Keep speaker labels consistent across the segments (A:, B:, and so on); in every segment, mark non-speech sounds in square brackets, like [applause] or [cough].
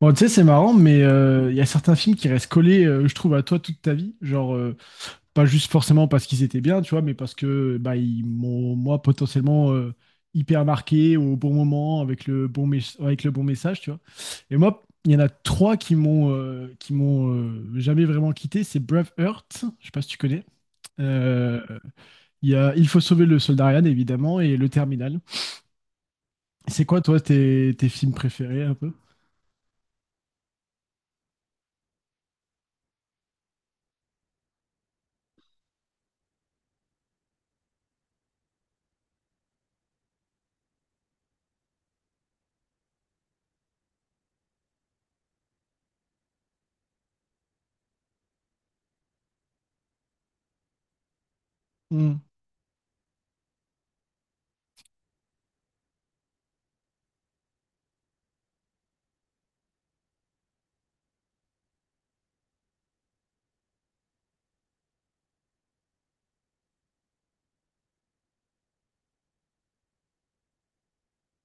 A: Bon, tu sais, c'est marrant, mais il y a certains films qui restent collés, je trouve, à toi toute ta vie. Genre, pas juste forcément parce qu'ils étaient bien, tu vois, mais parce que bah, ils m'ont, moi, potentiellement hyper marqué au bon moment, avec avec le bon message, tu vois. Et moi, il y en a trois qui m'ont jamais vraiment quitté. C'est Braveheart, je sais pas si tu connais. Euh, Il y a Il faut sauver le soldat Ryan, évidemment, et Le Terminal. C'est quoi, toi, tes films préférés, un peu? Hmm,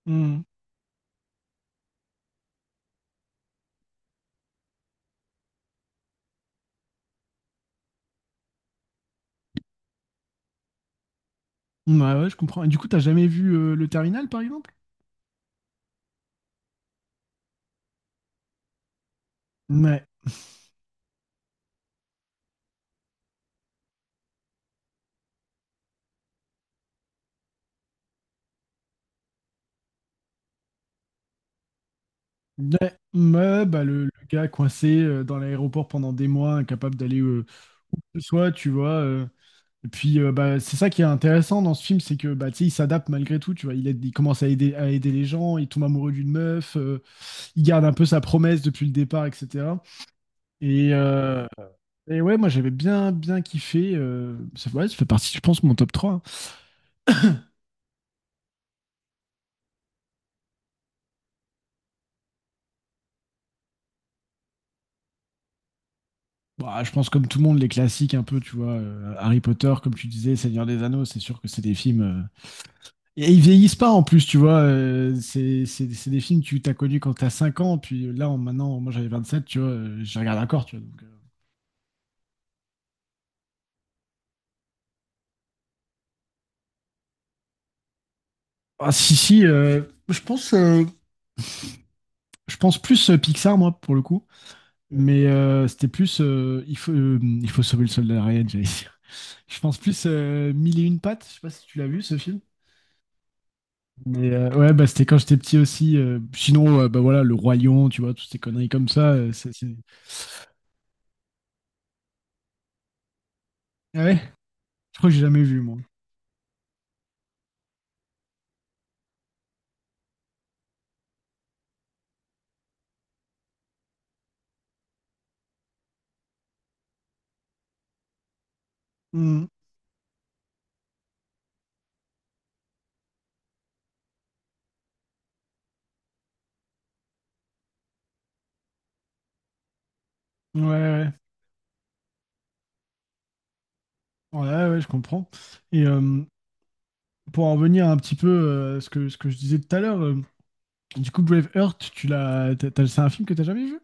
A: hmm. Ouais, ouais, je comprends. Et du coup, t'as jamais vu le terminal, par exemple? Ouais. Ouais, ouais, bah, le gars coincé dans l'aéroport pendant des mois, incapable d'aller où que ce soit, tu vois. Et puis, bah, c'est ça qui est intéressant dans ce film, c'est que bah, tu sais, il s'adapte malgré tout. Tu vois, il commence à aider les gens, il tombe amoureux d'une meuf, il garde un peu sa promesse depuis le départ, etc. Et, euh, et ouais, moi j'avais bien, bien kiffé. Ça, ouais, ça fait partie, je pense, de mon top 3 hein. Bah, je pense, comme tout le monde, les classiques un peu, tu vois. Harry Potter, comme tu disais, Seigneur des Anneaux, c'est sûr que c'est des films. Et ils vieillissent pas en plus, tu vois. C'est des films que tu t'as connus quand t'as 5 ans, puis maintenant, moi j'avais 27 tu vois, je les regarde encore, tu vois. Ah, si, si, je pense, euh, je pense plus Pixar, moi, pour le coup. Mais c'était plus. Il faut sauver le soldat Ryan, j'allais dire. [laughs] Je pense plus Mille et une pattes. Je sais pas si tu l'as vu, ce film. Mais ouais, bah, c'était quand j'étais petit aussi. Sinon, bah voilà, Le Roi Lion, tu vois, toutes ces conneries comme ça. Ah ouais, je crois que j'ai jamais vu, moi. Hmm. Ouais, ouais, ouais, ouais, ouais, ouais, je comprends. Et pour en revenir un petit peu à ce ce que je disais tout à l'heure, du coup, Brave Heart, tu l'as, t'as- t'as- c'est un film que t'as jamais vu?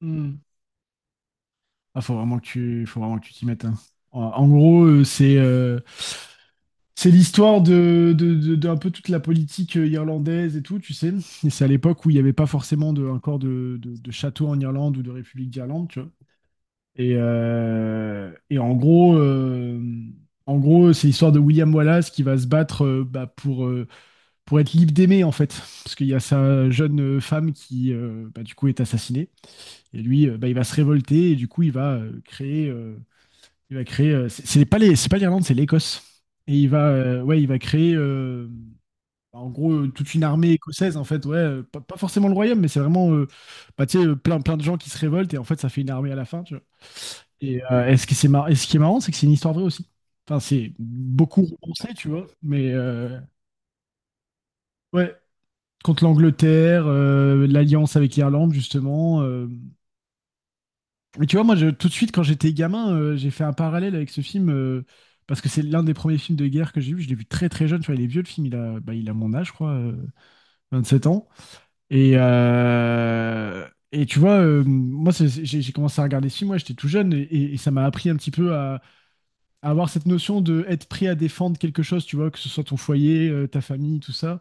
A: Hmm. Ah, faut vraiment que faut vraiment que tu t'y mettes. Hein. En gros, c'est l'histoire de un peu toute la politique irlandaise et tout, tu sais. Et c'est à l'époque où il n'y avait pas forcément encore de château en Irlande ou de République d'Irlande, tu vois. Et en gros, c'est l'histoire de William Wallace qui va se battre bah, pour être libre d'aimer, en fait. Parce qu'il y a sa jeune femme qui, bah, du coup, est assassinée. Et lui, bah, il va se révolter et du coup, il va créer. Il va créer. C'est pas les, c'est pas l'Irlande, c'est l'Écosse. Et il va, ouais, il va créer. Bah, en gros, toute une armée écossaise, en fait, ouais, pas forcément le royaume, mais c'est vraiment, bah, tu sais, plein de gens qui se révoltent et en fait, ça fait une armée à la fin, tu vois. Et ce qui, c'est mar- et ce qui est marrant, c'est que c'est une histoire vraie aussi. Enfin, c'est beaucoup romancé, tu vois, mais ouais, contre l'Angleterre, l'alliance avec l'Irlande, justement. Mais tu vois, tout de suite, quand j'étais gamin, j'ai fait un parallèle avec ce film parce que c'est l'un des premiers films de guerre que j'ai vu. Je l'ai vu très très jeune. Tu vois, il est vieux le film. Bah, il a mon âge, je crois, 7 ans. Et, euh, et tu vois, moi, c'est- j'ai commencé à regarder ce film. Ouais, j'étais tout jeune et ça m'a appris un petit peu à avoir cette notion de être prêt à défendre quelque chose. Tu vois, que ce soit ton foyer, ta famille, tout ça,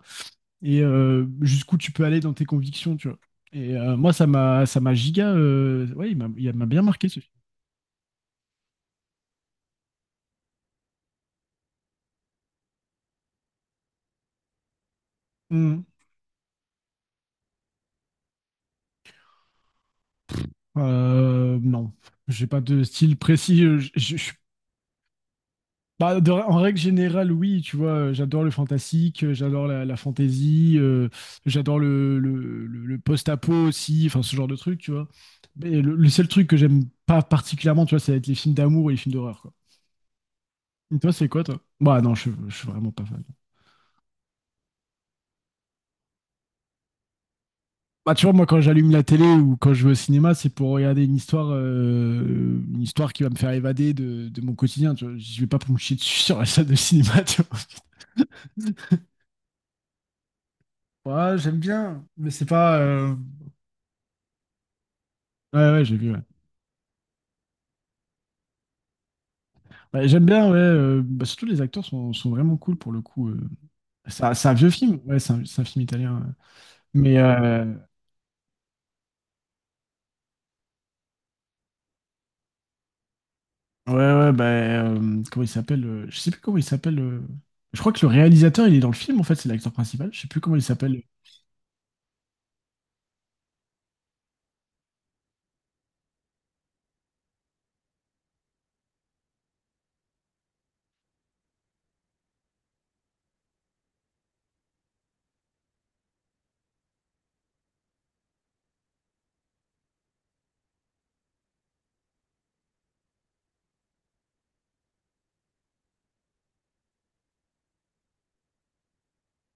A: et jusqu'où tu peux aller dans tes convictions. Tu vois. Et moi, ça m'a giga. Ouais, il m'a bien marqué ce film. Non, j'ai pas de style précis. Je suis pas en règle générale, oui, tu vois, j'adore le fantastique, la fantasy, j'adore le post-apo aussi, enfin ce genre de truc, tu vois. Mais le seul truc que j'aime pas particulièrement, tu vois, ça va être les films d'amour et les films d'horreur, quoi. Et toi, c'est quoi, toi? Bah non, je suis vraiment pas fan. Bah tu vois, moi, quand j'allume la télé ou quand je vais au cinéma, c'est pour regarder une histoire qui va me faire évader de mon quotidien, tu vois. Je vais pas pour me chier dessus sur la salle de cinéma, [laughs] tu Ouais, j'aime bien, mais c'est pas. Ouais, ouais, j'ai vu. Ouais. Ouais, j'aime bien, ouais. Bah, surtout les acteurs sont, sont vraiment cool pour le coup. Euh. C'est un vieux film, ouais, c'est un film italien. Ouais. Mais ouais, ouais, bah, comment il s'appelle Je sais plus comment il s'appelle. Je crois que le réalisateur, il est dans le film en fait, c'est l'acteur principal. Je sais plus comment il s'appelle.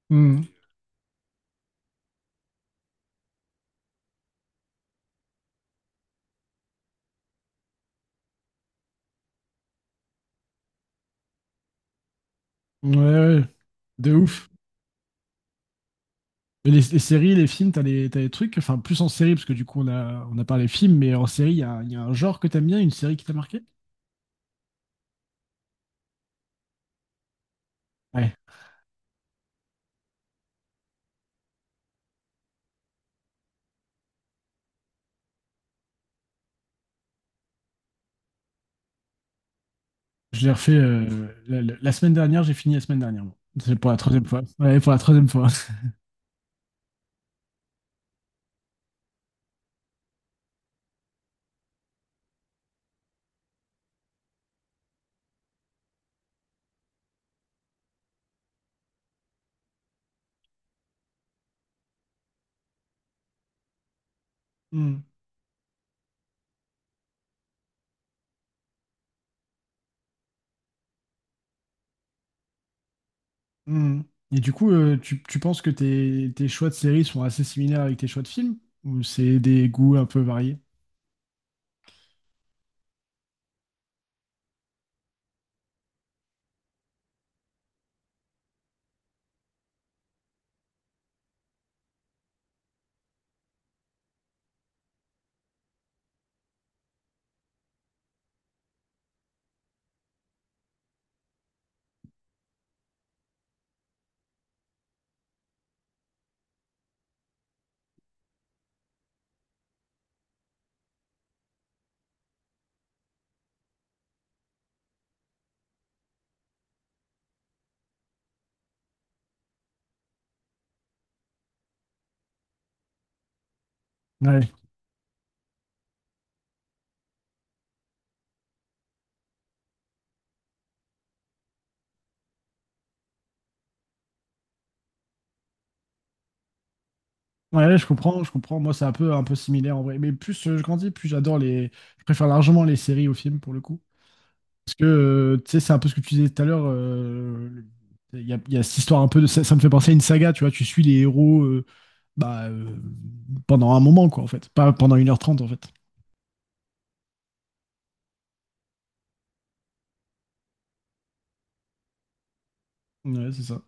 A: Hmm. Ouais, ouais, de ouf. Mais les séries, les films, t'as des trucs, enfin plus en série, parce que du coup on a parlé films, mais en série, il y a un genre que t'aimes bien, une série qui t'a marqué? Je l'ai refait la semaine dernière, j'ai fini la semaine dernière. Moi. C'est pour la troisième fois. Ouais, pour la troisième fois. [laughs] Mm, mm. Et du coup, tu penses que tes choix de séries sont assez similaires avec tes choix de films? Ou c'est des goûts un peu variés? Ouais. Ouais, je comprends, je comprends. Moi, c'est un peu similaire en vrai. Mais plus je grandis, plus j'adore les. Je préfère largement les séries aux films pour le coup. Parce que, tu sais, c'est un peu ce que tu disais tout à l'heure. Il y a cette histoire un peu de. Ça me fait penser à une saga, tu vois. Tu suis les héros bah, pendant un moment, quoi, en fait. Pas pendant 1h30 en fait. Ouais, c'est ça.